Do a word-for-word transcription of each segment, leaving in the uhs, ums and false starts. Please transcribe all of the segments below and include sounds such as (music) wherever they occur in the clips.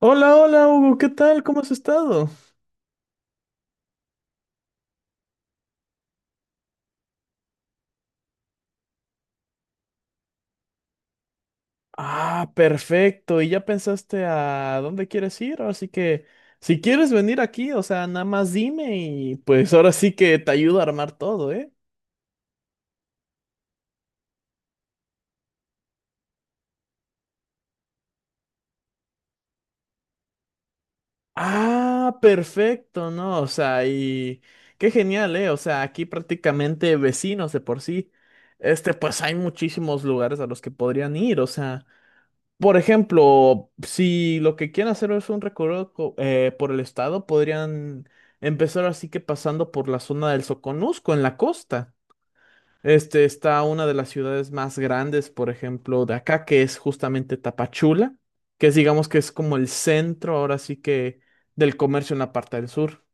Hola, hola Hugo, ¿qué tal? ¿Cómo has estado? Ah, perfecto. ¿Y ya pensaste a dónde quieres ir? Así que si quieres venir aquí, o sea, nada más dime y pues ahora sí que te ayudo a armar todo, ¿eh? Ah, perfecto, ¿no? O sea, y qué genial, ¿eh? O sea, aquí prácticamente vecinos de por sí. Este, pues hay muchísimos lugares a los que podrían ir, o sea. Por ejemplo, si lo que quieren hacer es un recorrido co- eh, por el estado, podrían empezar así que pasando por la zona del Soconusco, en la costa. Este está una de las ciudades más grandes, por ejemplo, de acá, que es justamente Tapachula, que es digamos que es como el centro ahora sí que del comercio en la parte del sur.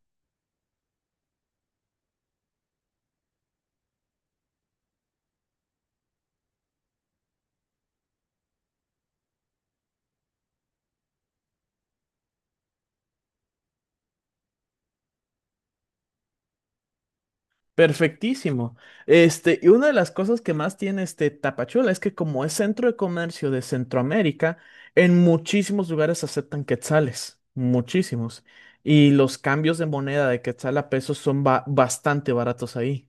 Perfectísimo. Este, y una de las cosas que más tiene este Tapachula es que como es centro de comercio de Centroamérica, en muchísimos lugares aceptan quetzales, muchísimos. Y los cambios de moneda de quetzal a pesos son ba- bastante baratos ahí.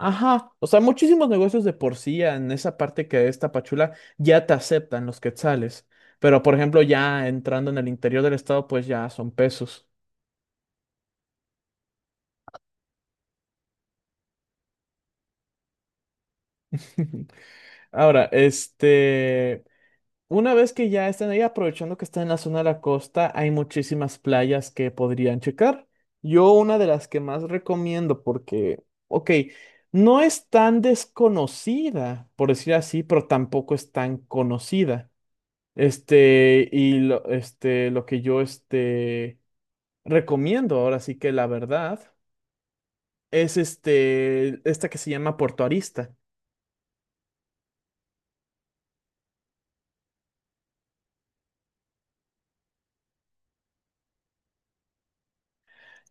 Ajá, o sea, muchísimos negocios de por sí en esa parte que es Tapachula ya te aceptan los quetzales, pero por ejemplo ya entrando en el interior del estado pues ya son pesos. (laughs) Ahora, este, una vez que ya están ahí, aprovechando que están en la zona de la costa, hay muchísimas playas que podrían checar. Yo una de las que más recomiendo porque, ok, no es tan desconocida, por decir así, pero tampoco es tan conocida. Este, y lo, este, lo que yo este, recomiendo, ahora sí que la verdad, es este, esta que se llama Puerto Arista.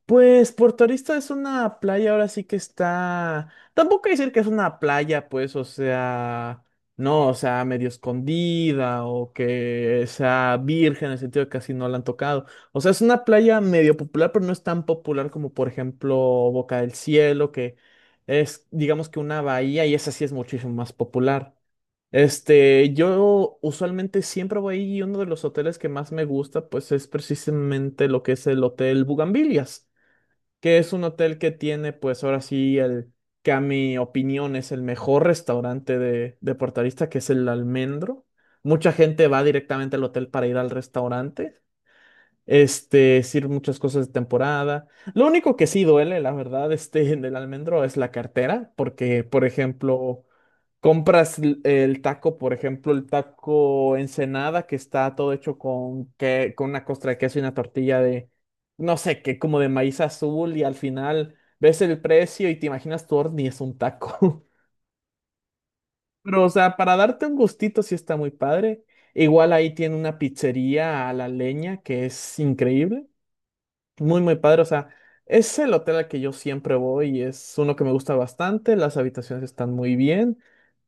Pues Puerto Arista es una playa, ahora sí que está. Tampoco decir que es una playa, pues, o sea, no, o sea, medio escondida o que sea virgen en el sentido de que casi no la han tocado. O sea, es una playa medio popular, pero no es tan popular como, por ejemplo, Boca del Cielo, que es, digamos que una bahía y esa sí es muchísimo más popular. Este, yo usualmente siempre voy ahí y uno de los hoteles que más me gusta, pues, es precisamente lo que es el Hotel Bugambilias, que es un hotel que tiene, pues ahora sí, el que a mi opinión es el mejor restaurante de, de Puerto Arista, que es el Almendro. Mucha gente va directamente al hotel para ir al restaurante. Este, sirve muchas cosas de temporada. Lo único que sí duele, la verdad, este, (laughs) en el Almendro es la cartera, porque, por ejemplo, compras l- el taco, por ejemplo, el taco Ensenada, que está todo hecho con, que, con una costra de queso y una tortilla de, no sé qué, como de maíz azul, y al final ves el precio y te imaginas tu horno y es un taco. (laughs) Pero, o sea, para darte un gustito sí está muy padre. Igual ahí tiene una pizzería a la leña que es increíble. Muy, muy padre. O sea, es el hotel al que yo siempre voy y es uno que me gusta bastante. Las habitaciones están muy bien.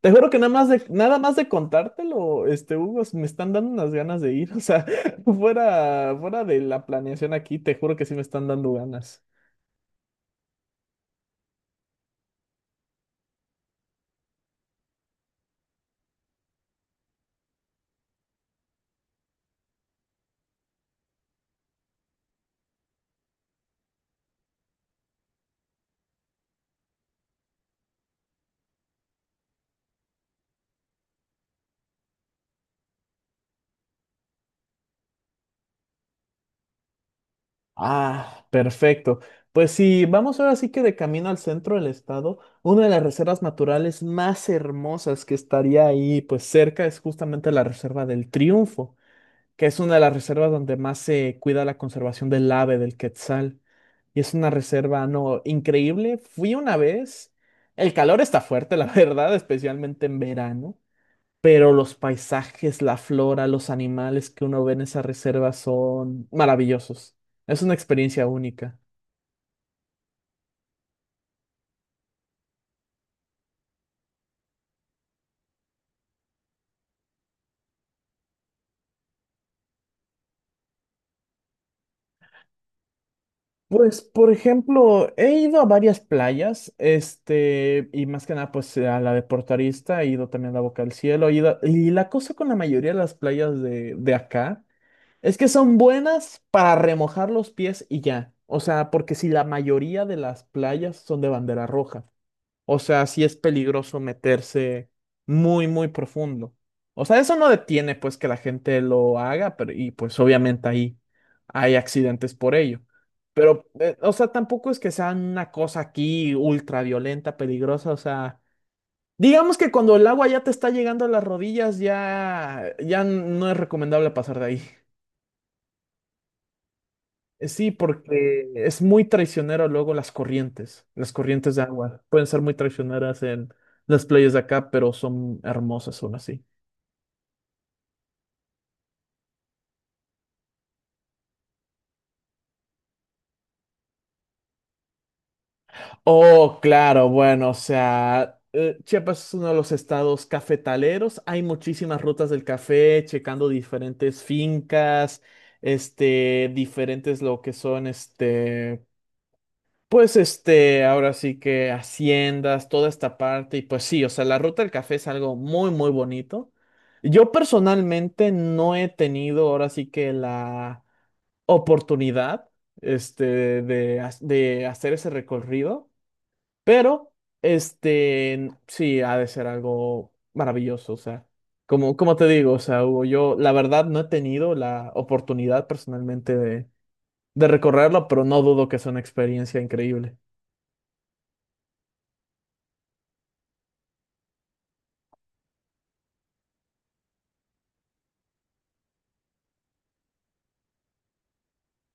Te juro que nada más de, nada más de contártelo, este, Hugo, me están dando unas ganas de ir. O sea, (laughs) fuera, fuera de la planeación aquí, te juro que sí me están dando ganas. Ah, perfecto. Pues sí, vamos ahora sí que de camino al centro del estado, una de las reservas naturales más hermosas que estaría ahí, pues cerca, es justamente la Reserva del Triunfo, que es una de las reservas donde más se cuida la conservación del ave, del quetzal. Y es una reserva, no, increíble. Fui una vez. El calor está fuerte, (laughs) la verdad, especialmente en verano. Pero los paisajes, la flora, los animales que uno ve en esa reserva son maravillosos. Es una experiencia única. Pues, por ejemplo, he ido a varias playas, este, y más que nada, pues a la de Portarista, he ido también a la Boca del Cielo, he ido- y la cosa con la mayoría de las playas de, de acá es que son buenas para remojar los pies y ya. O sea, porque si la mayoría de las playas son de bandera roja. O sea, sí es peligroso meterse muy, muy profundo. O sea, eso no detiene pues que la gente lo haga, pero y pues obviamente ahí hay accidentes por ello. Pero, eh, o sea, tampoco es que sea una cosa aquí ultra violenta, peligrosa. O sea, digamos que cuando el agua ya te está llegando a las rodillas, ya, ya no es recomendable pasar de ahí. Eh, Sí, porque es muy traicionero luego las corrientes, las corrientes de agua. Pueden ser muy traicioneras en las playas de acá, pero son hermosas aún así. Oh, claro, bueno, o sea, eh, Chiapas es uno de los estados cafetaleros. Hay muchísimas rutas del café, checando diferentes fincas, este, diferentes lo que son, este, pues este, ahora sí que haciendas, toda esta parte, y pues sí, o sea, la ruta del café es algo muy, muy bonito. Yo personalmente no he tenido ahora sí que la oportunidad, este, de, ha- de hacer ese recorrido, pero este, sí, ha de ser algo maravilloso, o sea, como, como te digo, o sea, Hugo, yo la verdad no he tenido la oportunidad personalmente de, de recorrerlo, pero no dudo que es una experiencia increíble.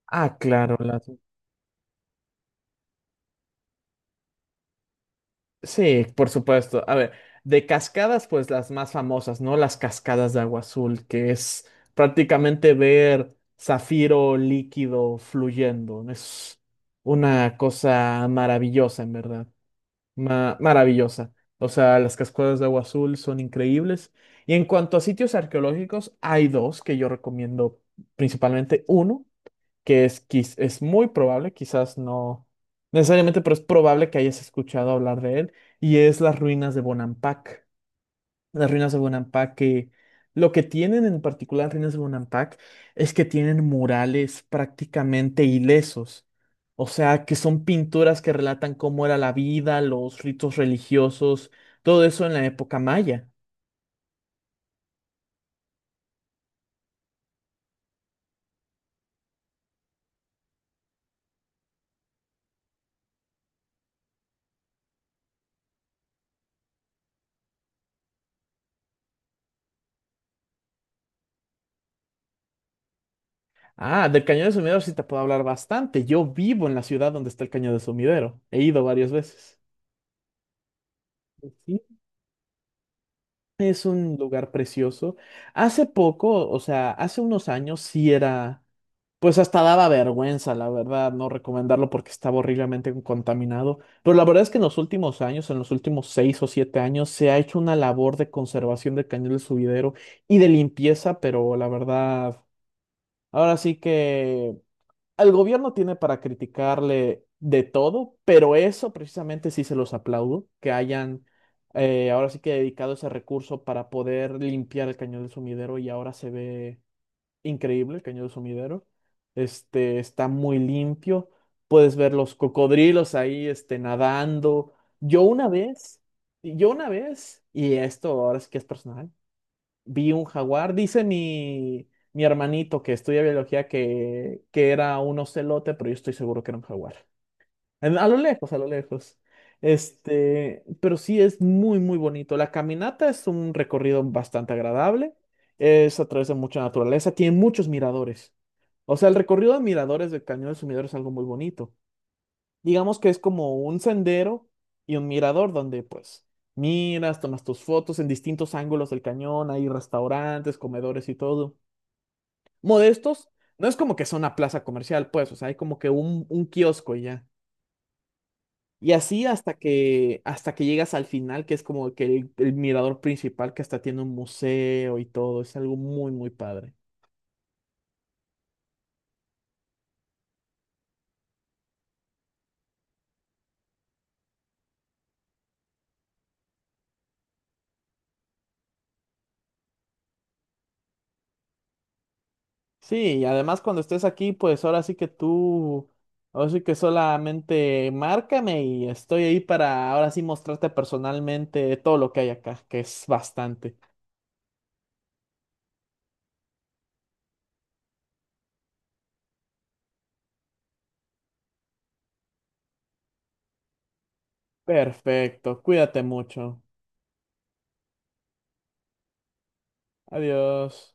Ah, claro, las... Sí, por supuesto. A ver, de cascadas, pues las más famosas, ¿no? Las cascadas de agua azul, que es prácticamente ver zafiro líquido fluyendo. Es una cosa maravillosa, en verdad. Ma- maravillosa. O sea, las cascadas de agua azul son increíbles. Y en cuanto a sitios arqueológicos, hay dos que yo recomiendo principalmente. Uno que es, quiz- es muy probable, quizás no necesariamente, pero es probable que hayas escuchado hablar de él, y es las ruinas de Bonampak. Las ruinas de Bonampak, que lo que tienen en particular las ruinas de Bonampak es que tienen murales prácticamente ilesos. O sea, que son pinturas que relatan cómo era la vida, los ritos religiosos, todo eso en la época maya. Ah, del Cañón de Sumidero sí te puedo hablar bastante. Yo vivo en la ciudad donde está el Cañón de Sumidero. He ido varias veces. Sí, es un lugar precioso. Hace poco, o sea, hace unos años sí era, pues hasta daba vergüenza, la verdad, no recomendarlo porque estaba horriblemente contaminado. Pero la verdad es que en los últimos años, en los últimos seis o siete años, se ha hecho una labor de conservación del Cañón del Subidero y de limpieza, pero la verdad, ahora sí que al gobierno tiene para criticarle de todo, pero eso precisamente sí se los aplaudo, que hayan eh, ahora sí que dedicado ese recurso para poder limpiar el Cañón del Sumidero y ahora se ve increíble el Cañón del Sumidero. Este está muy limpio, puedes ver los cocodrilos ahí este, nadando. Yo una vez, yo una vez, y esto ahora sí que es personal, vi un jaguar. Dice mi, mi hermanito que estudia biología que, que era un ocelote, pero yo estoy seguro que era un jaguar. En- A lo lejos, a lo lejos. Este, pero sí es muy, muy bonito. La caminata es un recorrido bastante agradable. Es a través de mucha naturaleza. Tiene muchos miradores. O sea, el recorrido de miradores del Cañón del Sumidero es algo muy bonito. Digamos que es como un sendero y un mirador donde pues miras, tomas tus fotos en distintos ángulos del cañón, hay restaurantes, comedores y todo. Modestos, no es como que sea una plaza comercial, pues, o sea, hay como que un, un kiosco y ya. Y así hasta que, hasta que llegas al final, que es como que el, el mirador principal que hasta tiene un museo y todo, es algo muy, muy padre. Sí, y además cuando estés aquí, pues ahora sí que tú, ahora sí que solamente márcame y estoy ahí para ahora sí mostrarte personalmente todo lo que hay acá, que es bastante. Perfecto, cuídate mucho. Adiós.